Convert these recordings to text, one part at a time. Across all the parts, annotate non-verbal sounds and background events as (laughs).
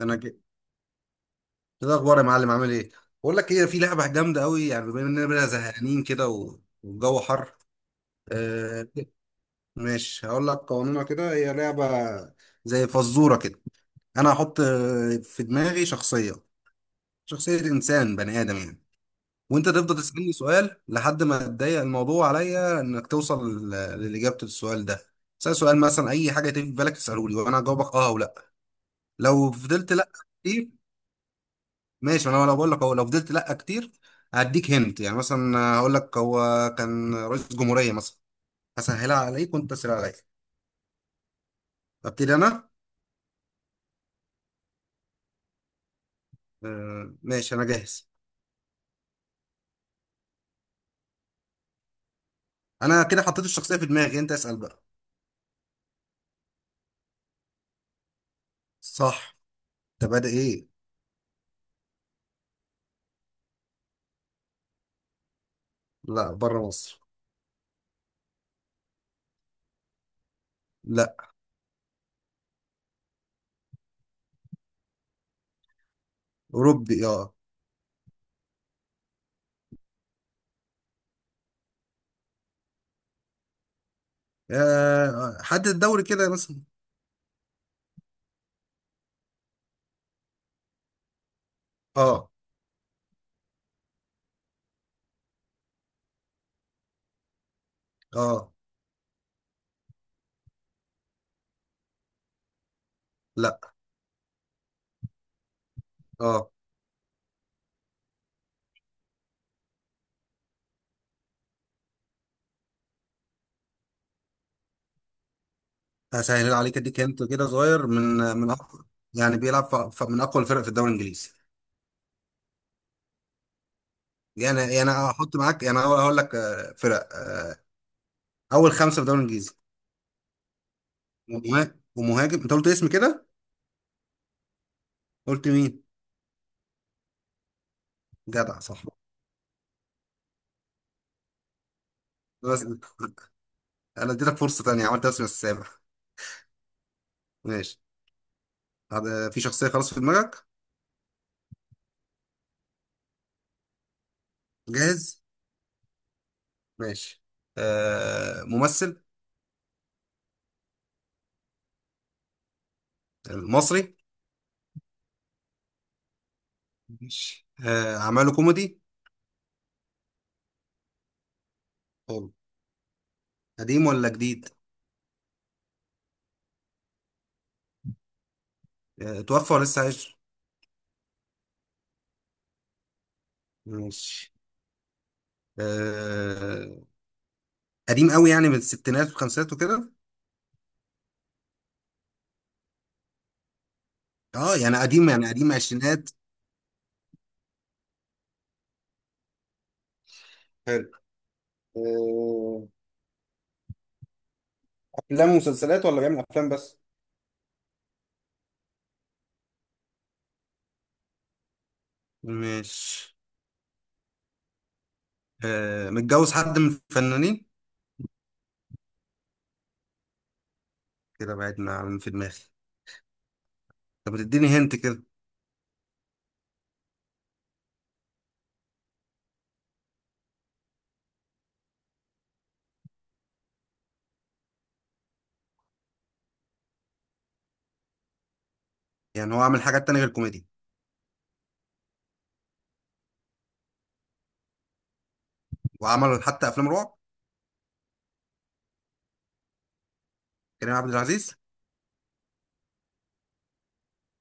انا كده. إيه الاخبار يا معلم؟ عامل ايه؟ بقول لك ايه، في لعبه جامده قوي يعني. بما اننا بقى زهقانين كده والجو حر. آه، ماشي هقول لك قوانينها كده. هي لعبه زي فزوره كده. انا هحط في دماغي شخصيه، شخصيه انسان بني ادم يعني. وانت تفضل تسالني سؤال لحد ما تضيق الموضوع عليا انك توصل للاجابه السؤال ده. سأل سؤال مثلا اي حاجه تيجي في بالك تساله لي، وانا هجاوبك اه او لا. لو فضلت لا كتير. ماشي، انا لو بقول لك هو لو فضلت لا كتير هديك هنت يعني. مثلا هقول لك هو كان رئيس جمهورية مثلا، هسهلها عليك وانت تسهل عليا. ابتدي انا. آه، ماشي انا جاهز. انا كده حطيت الشخصية في دماغي، انت اسأل بقى. صح. انت بادئ ايه؟ لا، بره مصر. لا. اوروبي، اه. آه، حدد الدوري كده مثلا. اه. اه. لا. اه. هسهل عليك اديك هنت كده صغير. من اقوى. يعني بيلعب من اقوى الفرق في الدوري الانجليزي. يعني هحط معاك يعني هقول لك آه، فرق آه، اول خمسه في الدوري الانجليزي. ومهاجم. انت قلت اسم كده. قلت مين؟ جدع، صح. بس انا اديتك فرصه تانية، عملت اسم السابع. ماشي. هذا في شخصيه خلاص في دماغك. جاهز. ماشي. آه، ممثل مصري. ماشي. آه، اعماله كوميدي. حلو. قديم ولا جديد؟ آه، توفى ولا لسه عايش؟ ماشي. آه، قديم قوي يعني من الستينات والخمسينات وكده. اه يعني قديم يعني قديم عشرينات. حلو. آه، افلام ومسلسلات ولا بيعمل افلام بس؟ مش. آه، متجوز حد من الفنانين؟ كده بعدنا عن في دماغي. طب ما تديني هنت كده. يعني هو عمل حاجات تانية غير الكوميدي. وعمل حتى افلام رعب. كريم عبد العزيز؟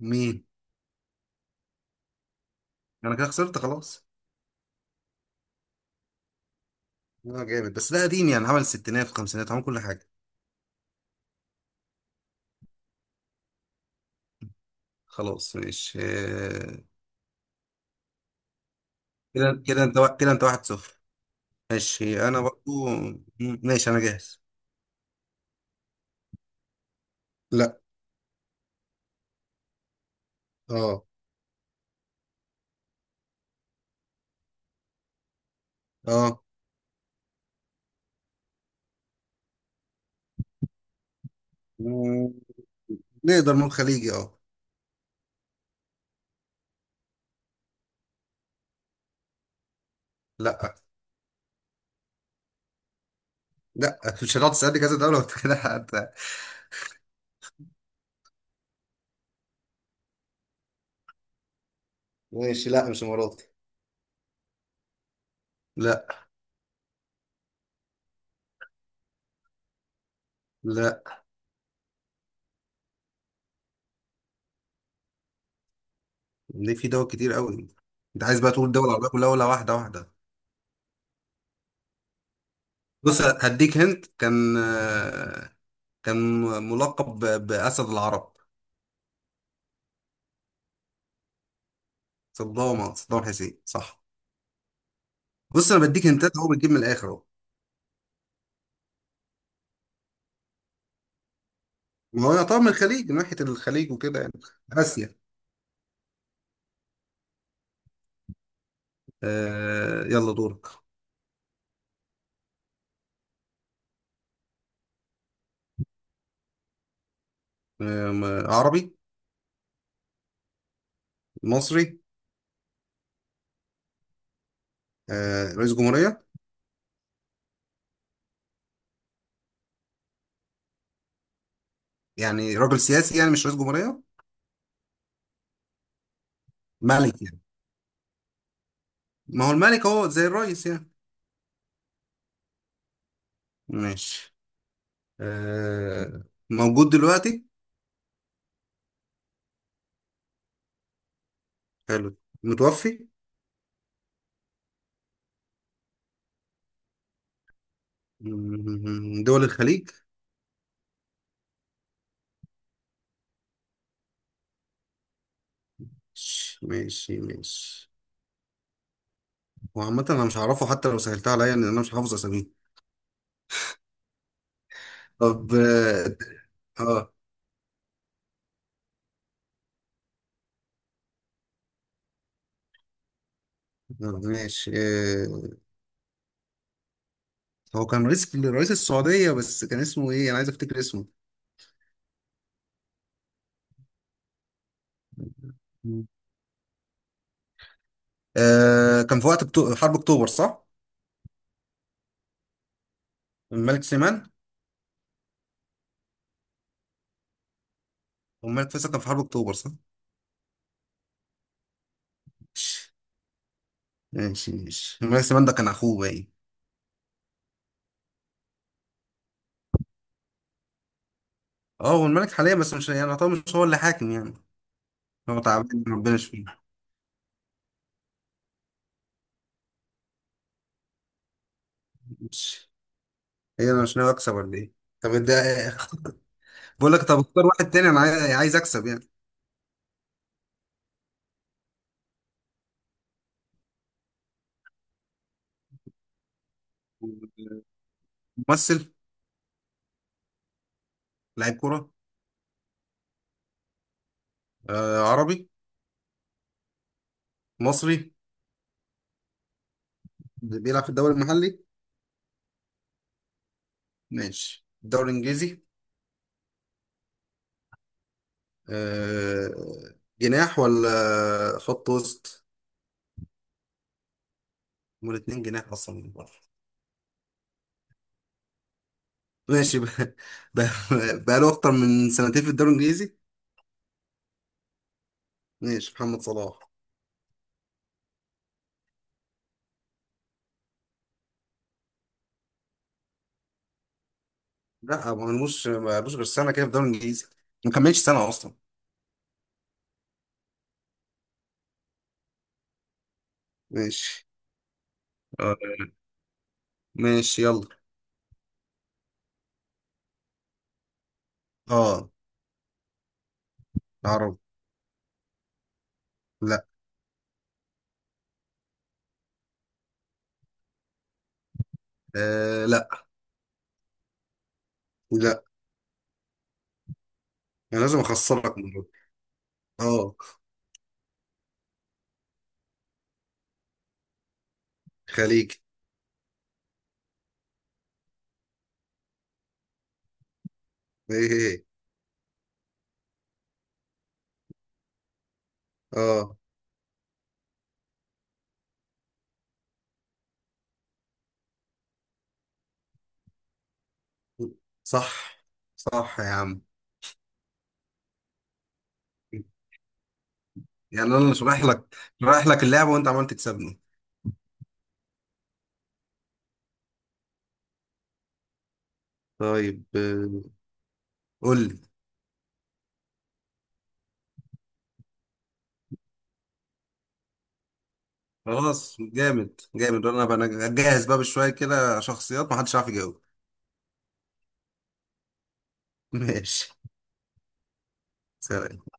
مين؟ انا كده خسرت خلاص. اه جامد، بس ده قديم يعني عمل الستينات الخمسينات، عمل كل حاجة. خلاص ماشي. آه. كده انت 1-0. ماشي انا برضو ماشي انا جاهز. لا. اه. اه. مم، نقدر نقول خليجي، اه. لا. لا، مش هتقعد تسألني كذا دولة وانت كده حتى. ماشي، لا مش اماراتي. لا. لا. ليه، في دول كتير قوي. انت عايز بقى تقول دول العربية كلها ولا واحدة واحدة؟ بص، هديك هنت. كان كان ملقب بأسد العرب. صدام، صدام حسين، صح. بص انا بديك هنتات اهو، بتجيب من الاخر اهو. ما هو يعتبر من الخليج من ناحية الخليج وكده يعني. آسيا. آه، يلا دورك. آه، عربي. مصري. آه، رئيس جمهورية. يعني راجل سياسي يعني مش رئيس جمهورية. ملك يعني. ما هو الملك هو زي الرئيس يعني. ماشي. آه. موجود دلوقتي؟ حلو. متوفي. دول الخليج. ماشي ماشي. هو عامة أنا مش هعرفه حتى لو سهلتها عليا، لأن أنا مش حافظ أساميه. طب. آه. آه، ماشي آه. هو كان رئيس السعودية بس كان اسمه إيه، أنا عايز أفتكر اسمه. مم. آه، كان في وقت حرب أكتوبر، صح؟ الملك سليمان. والملك فيصل كان في حرب أكتوبر، صح؟ ماشي ماشي، الملك سليمان ده كان أخوه باين. اه هو الملك حاليا بس مش يعني، طبعا مش هو اللي حاكم يعني. هو تعبان ربنا يشفيه. مش. هي انا مش ناوي اكسب ولا ايه؟ طب ده. بقول لك طب اختار واحد تاني، انا عايز اكسب يعني. ممثل. لاعب كرة. آه، عربي. مصري. بيلعب في الدوري المحلي. ماشي، الدوري الانجليزي. آه. جناح ولا خط وسط؟ هما الاتنين جناح اصلا من بره. ماشي (laughs) بقى. بقى له اكتر من سنتين في الدوري الانجليزي. ماشي، محمد صلاح. لا، ما بنلوش ما بقالوش غير سنه كده في الدوري الانجليزي، ما كملش سنه اصلا. ماشي. آه، ماشي يلا. اه. عرب. لا. آه. لا. لا. انا لازم اخسرك من دول. اه. خليج. ايه، إيه. إيه. اه. صح صح يا عم. يعني انا اللي شرح لك، اللعبه وانت عمال تكسبني. طيب. آه، قول لي. خلاص جامد جامد، انا بقى جاهز بقى بشويه كده شخصيات ما حدش عارف يجاوب. (laughs) ماشي. سلام.